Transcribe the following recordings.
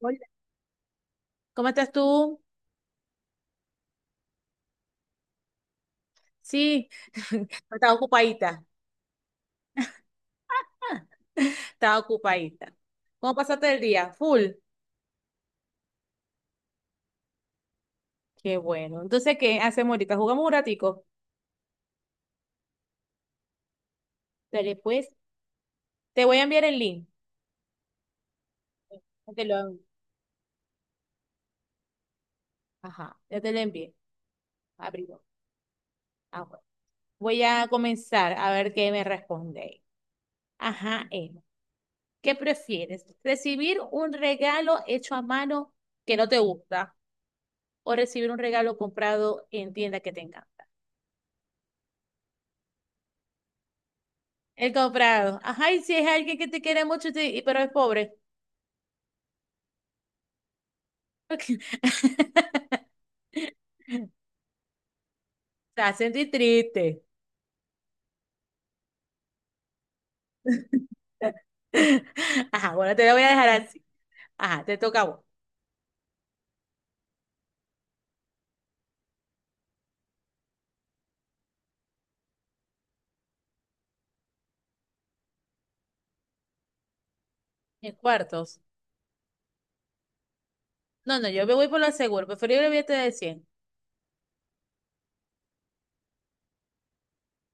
Hola, ¿cómo estás tú? Sí, estaba ocupadita. Ah, estaba ocupadita. ¿Cómo pasaste el día? Full. Qué bueno. Entonces, ¿qué hacemos ahorita? ¿Jugamos un ratico? Dale, pues. Te voy a enviar el link. Ya te lo, ajá, ya te lo envié. Abrirlo. Ah, bueno. Voy a comenzar a ver qué me responde. Ajá, Emma. ¿Qué prefieres? ¿Recibir un regalo hecho a mano que no te gusta o recibir un regalo comprado en tienda que tenga? El comprado. Ajá, y si es alguien que te quiere mucho, pero es pobre. Te hace sentir triste. Ajá, bueno, te lo voy a dejar así. Ajá, te toca a vos. En cuartos. No, no, yo me voy por lo seguro. Preferible billete de 100.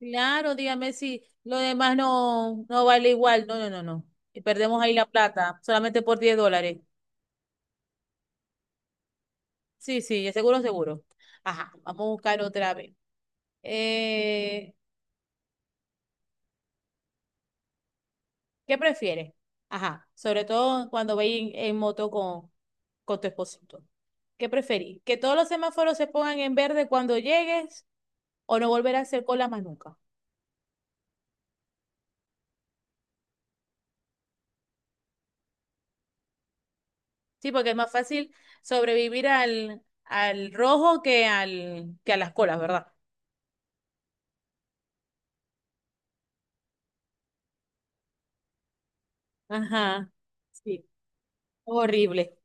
Claro, dígame si lo demás no, no vale igual. No, no, no, no. Y perdemos ahí la plata solamente por $10. Sí, sí, seguro, seguro. Ajá, vamos a buscar otra vez. Eh, ¿Qué prefieres? Ajá, sobre todo cuando veis en, moto con tu esposito. ¿Qué preferís? ¿Que todos los semáforos se pongan en verde cuando llegues o no volver a hacer cola más nunca? Sí, porque es más fácil sobrevivir al rojo que a las colas, ¿verdad? Ajá, sí, horrible.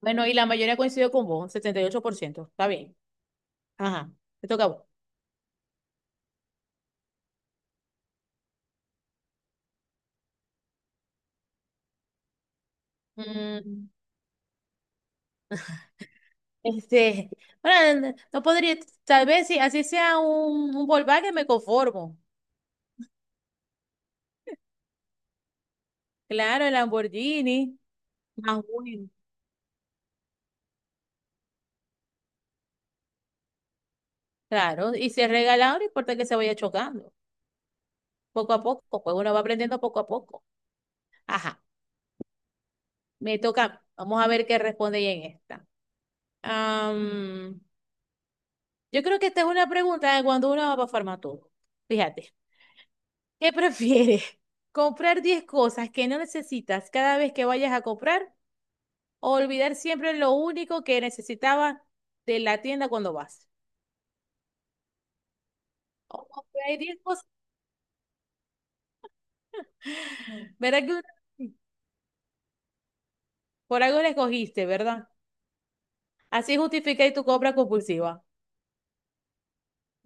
Bueno, y la mayoría coincidió con vos, 78%, está bien. Ajá, te toca a vos. Mm, Este, bueno, no podría, tal vez si así sea un Volkswagen me conformo. Claro, el Lamborghini, más bueno. Claro, y si es regalado, no importa que se vaya chocando, poco a poco, pues uno va aprendiendo poco a poco. Ajá, me toca, vamos a ver qué responde ella en esta. Am, yo creo que esta es una pregunta de cuando uno va para Farmatodo. Fíjate, ¿qué prefieres? ¿Comprar 10 cosas que no necesitas cada vez que vayas a comprar? Olvidar siempre lo único que necesitaba de la tienda cuando vas. Oh, hay 10 cosas, ¿verdad que una- sí, por algo la escogiste, ¿verdad? Así justificáis tu compra compulsiva.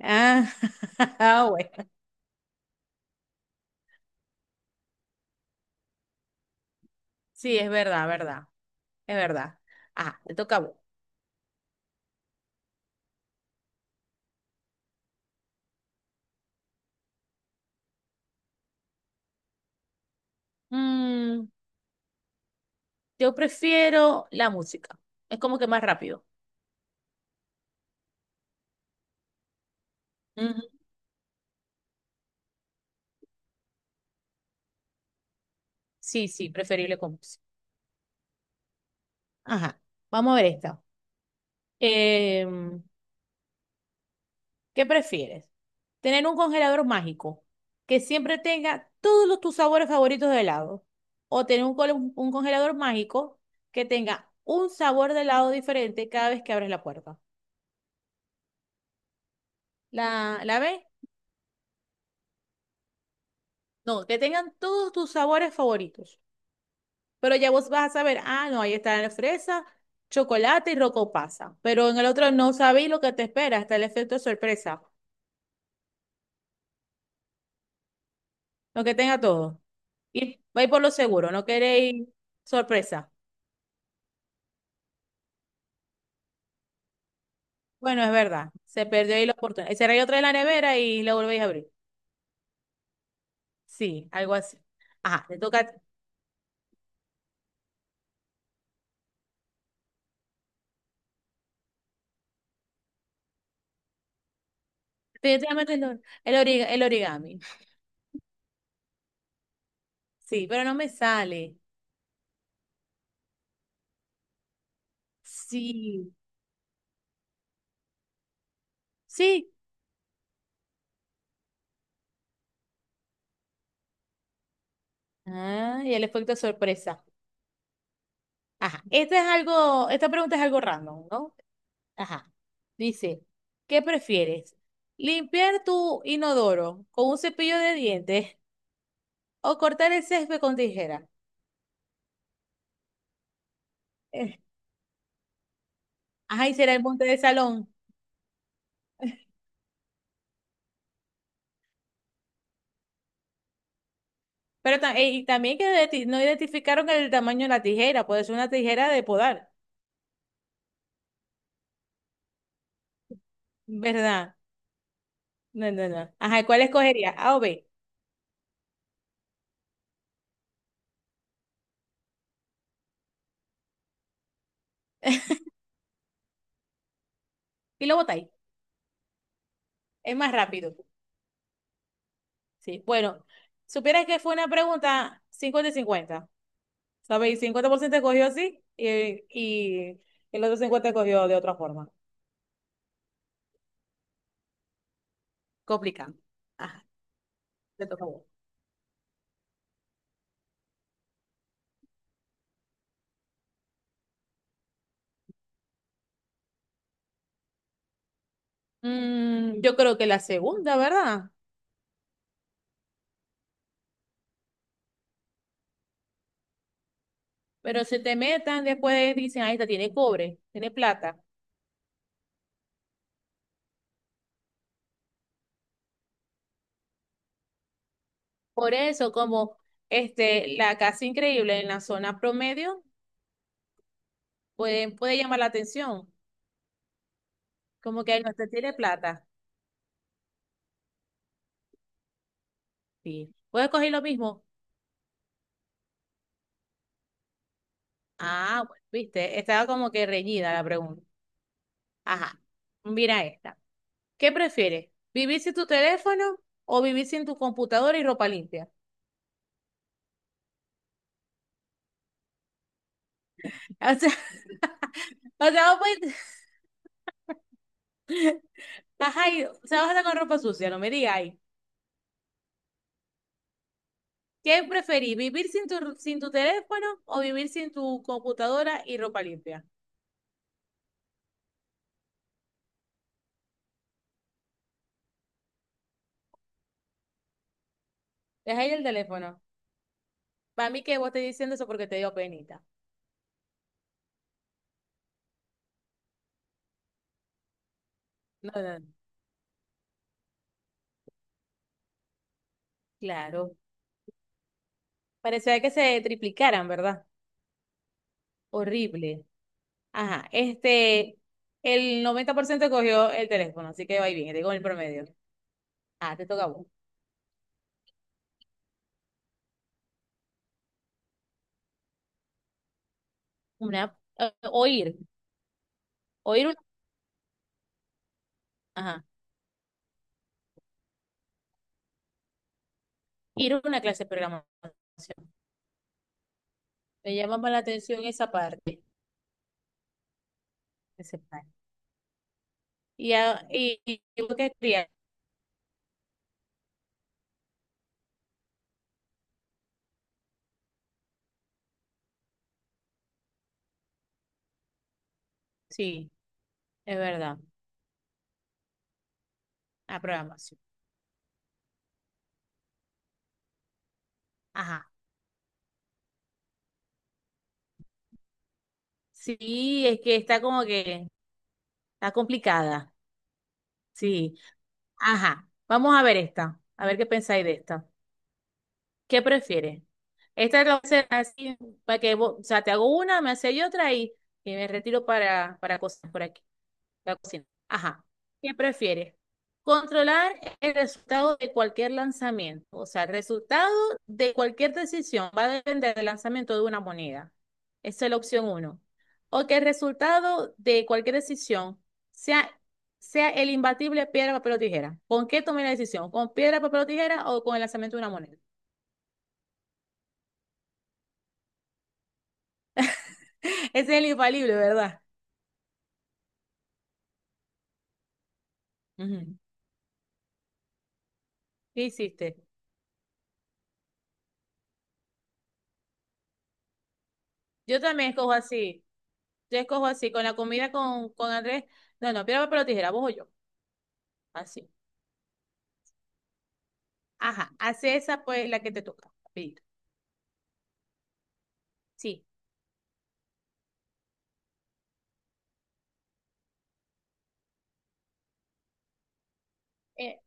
Ah, ah, bueno. Sí, es verdad, verdad. Es verdad. Ah, te toca a vos. Mm, yo prefiero la música. Es como que más rápido. Ujú. Sí, sí, preferible con música. Ajá. Vamos a ver esta. Em, ¿Qué prefieres? ¿Tener un congelador mágico que siempre tenga tus sabores favoritos de helado? ¿O tener un congelador mágico que tenga un sabor de helado diferente cada vez que abres la puerta? ¿La ves? No, que tengan todos tus sabores favoritos. Pero ya vos vas a saber, ah, no, ahí está la fresa, chocolate y rocopasa. Pero en el otro no sabéis lo que te espera, hasta el efecto sorpresa. Lo que tenga todo. Y vais por lo seguro, no queréis sorpresa. Bueno, es verdad. Se perdió ahí la oportunidad. Cerré otra de la nevera y la volvéis a abrir. Sí, algo así. Ajá, te toca. Te toca el origami. Sí, pero no me sale. Sí, sí. Ah, y el efecto sorpresa. Ajá, este es algo, esta pregunta es algo random, ¿no? Ajá. Dice, ¿qué prefieres? ¿Limpiar tu inodoro con un cepillo de dientes o cortar el césped con tijera? Eh, Ay, será el monte de salón. Y también que no identificaron el tamaño de la tijera, puede ser una tijera de podar, ¿verdad? No, no, no. Ajá, ¿cuál escogería? A o B. Y lo botáis. Es más rápido. Sí, bueno, supieras que fue una pregunta 50-50 ¿sabéis? 50% escogió así y el otro 50 escogió de otra forma. Complicado. Ajá, te toca a vos. Yo creo que la segunda, ¿verdad? Pero se te metan después, dicen, ahí está, tiene cobre, tiene plata. Por eso, como este, la casa increíble en la zona promedio puede llamar la atención. Como que "Ay, no usted tiene plata. Sí. ¿Puedes coger lo mismo? Ah, bueno, viste, estaba como que reñida la pregunta. Ajá. Mira esta. ¿Qué prefieres? ¿Vivir sin tu teléfono o vivir sin tu computadora y ropa limpia? O sea, ajá, o sea, vas a estar con ropa sucia, no me digas. ¿Qué preferís? ¿Vivir sin tu teléfono o vivir sin tu computadora y ropa limpia? Deja ahí el teléfono. Para mí que vos estés diciendo eso porque te dio penita. No, no, no. Claro. Parecía que se triplicaran, ¿verdad? Horrible. Ajá. Este, el 90% cogió el teléfono, así que va bien, digo en el promedio. Ah, te toca a vos. Una, oír, oír una, ajá, ir a una clase de programación. Me llama más la atención esa parte. esa parte. Y vos qué querías. Sí, es verdad. A programación. Ajá. Sí, es que está como que está complicada, sí. Ajá, vamos a ver esta, a ver qué pensáis de esta. ¿Qué prefieres? Esta lo voy a hacer así, para que vos, o sea, te hago una, me hacéis otra y me retiro para cosas por aquí. La cocina. Ajá. ¿Qué prefieres? Controlar el resultado de cualquier lanzamiento. O sea, el resultado de cualquier decisión va a depender del lanzamiento de una moneda. Esa es la opción uno. O que el resultado de cualquier decisión sea, sea el imbatible piedra, papel o tijera. ¿Con qué tomé la decisión? ¿Con piedra, papel o tijera o con el lanzamiento de una moneda? Ese es el infalible, ¿verdad? Ujú. ¿Qué hiciste? Yo también escojo así. Yo escojo así, con la comida con Andrés. No, no, piedra, papel o tijera, vos o yo. Así. Ajá, hace esa pues la que te toca. Rapidito. Sí. Eh,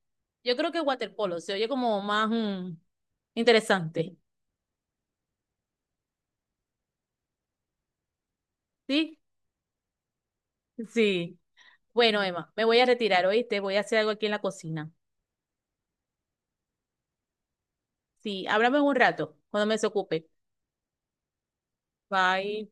yo creo que waterpolo se oye como más interesante. ¿Sí? Sí. Bueno, Emma, me voy a retirar, ¿oíste? Voy a hacer algo aquí en la cocina. Sí, háblame en un rato, cuando me desocupe. Bye.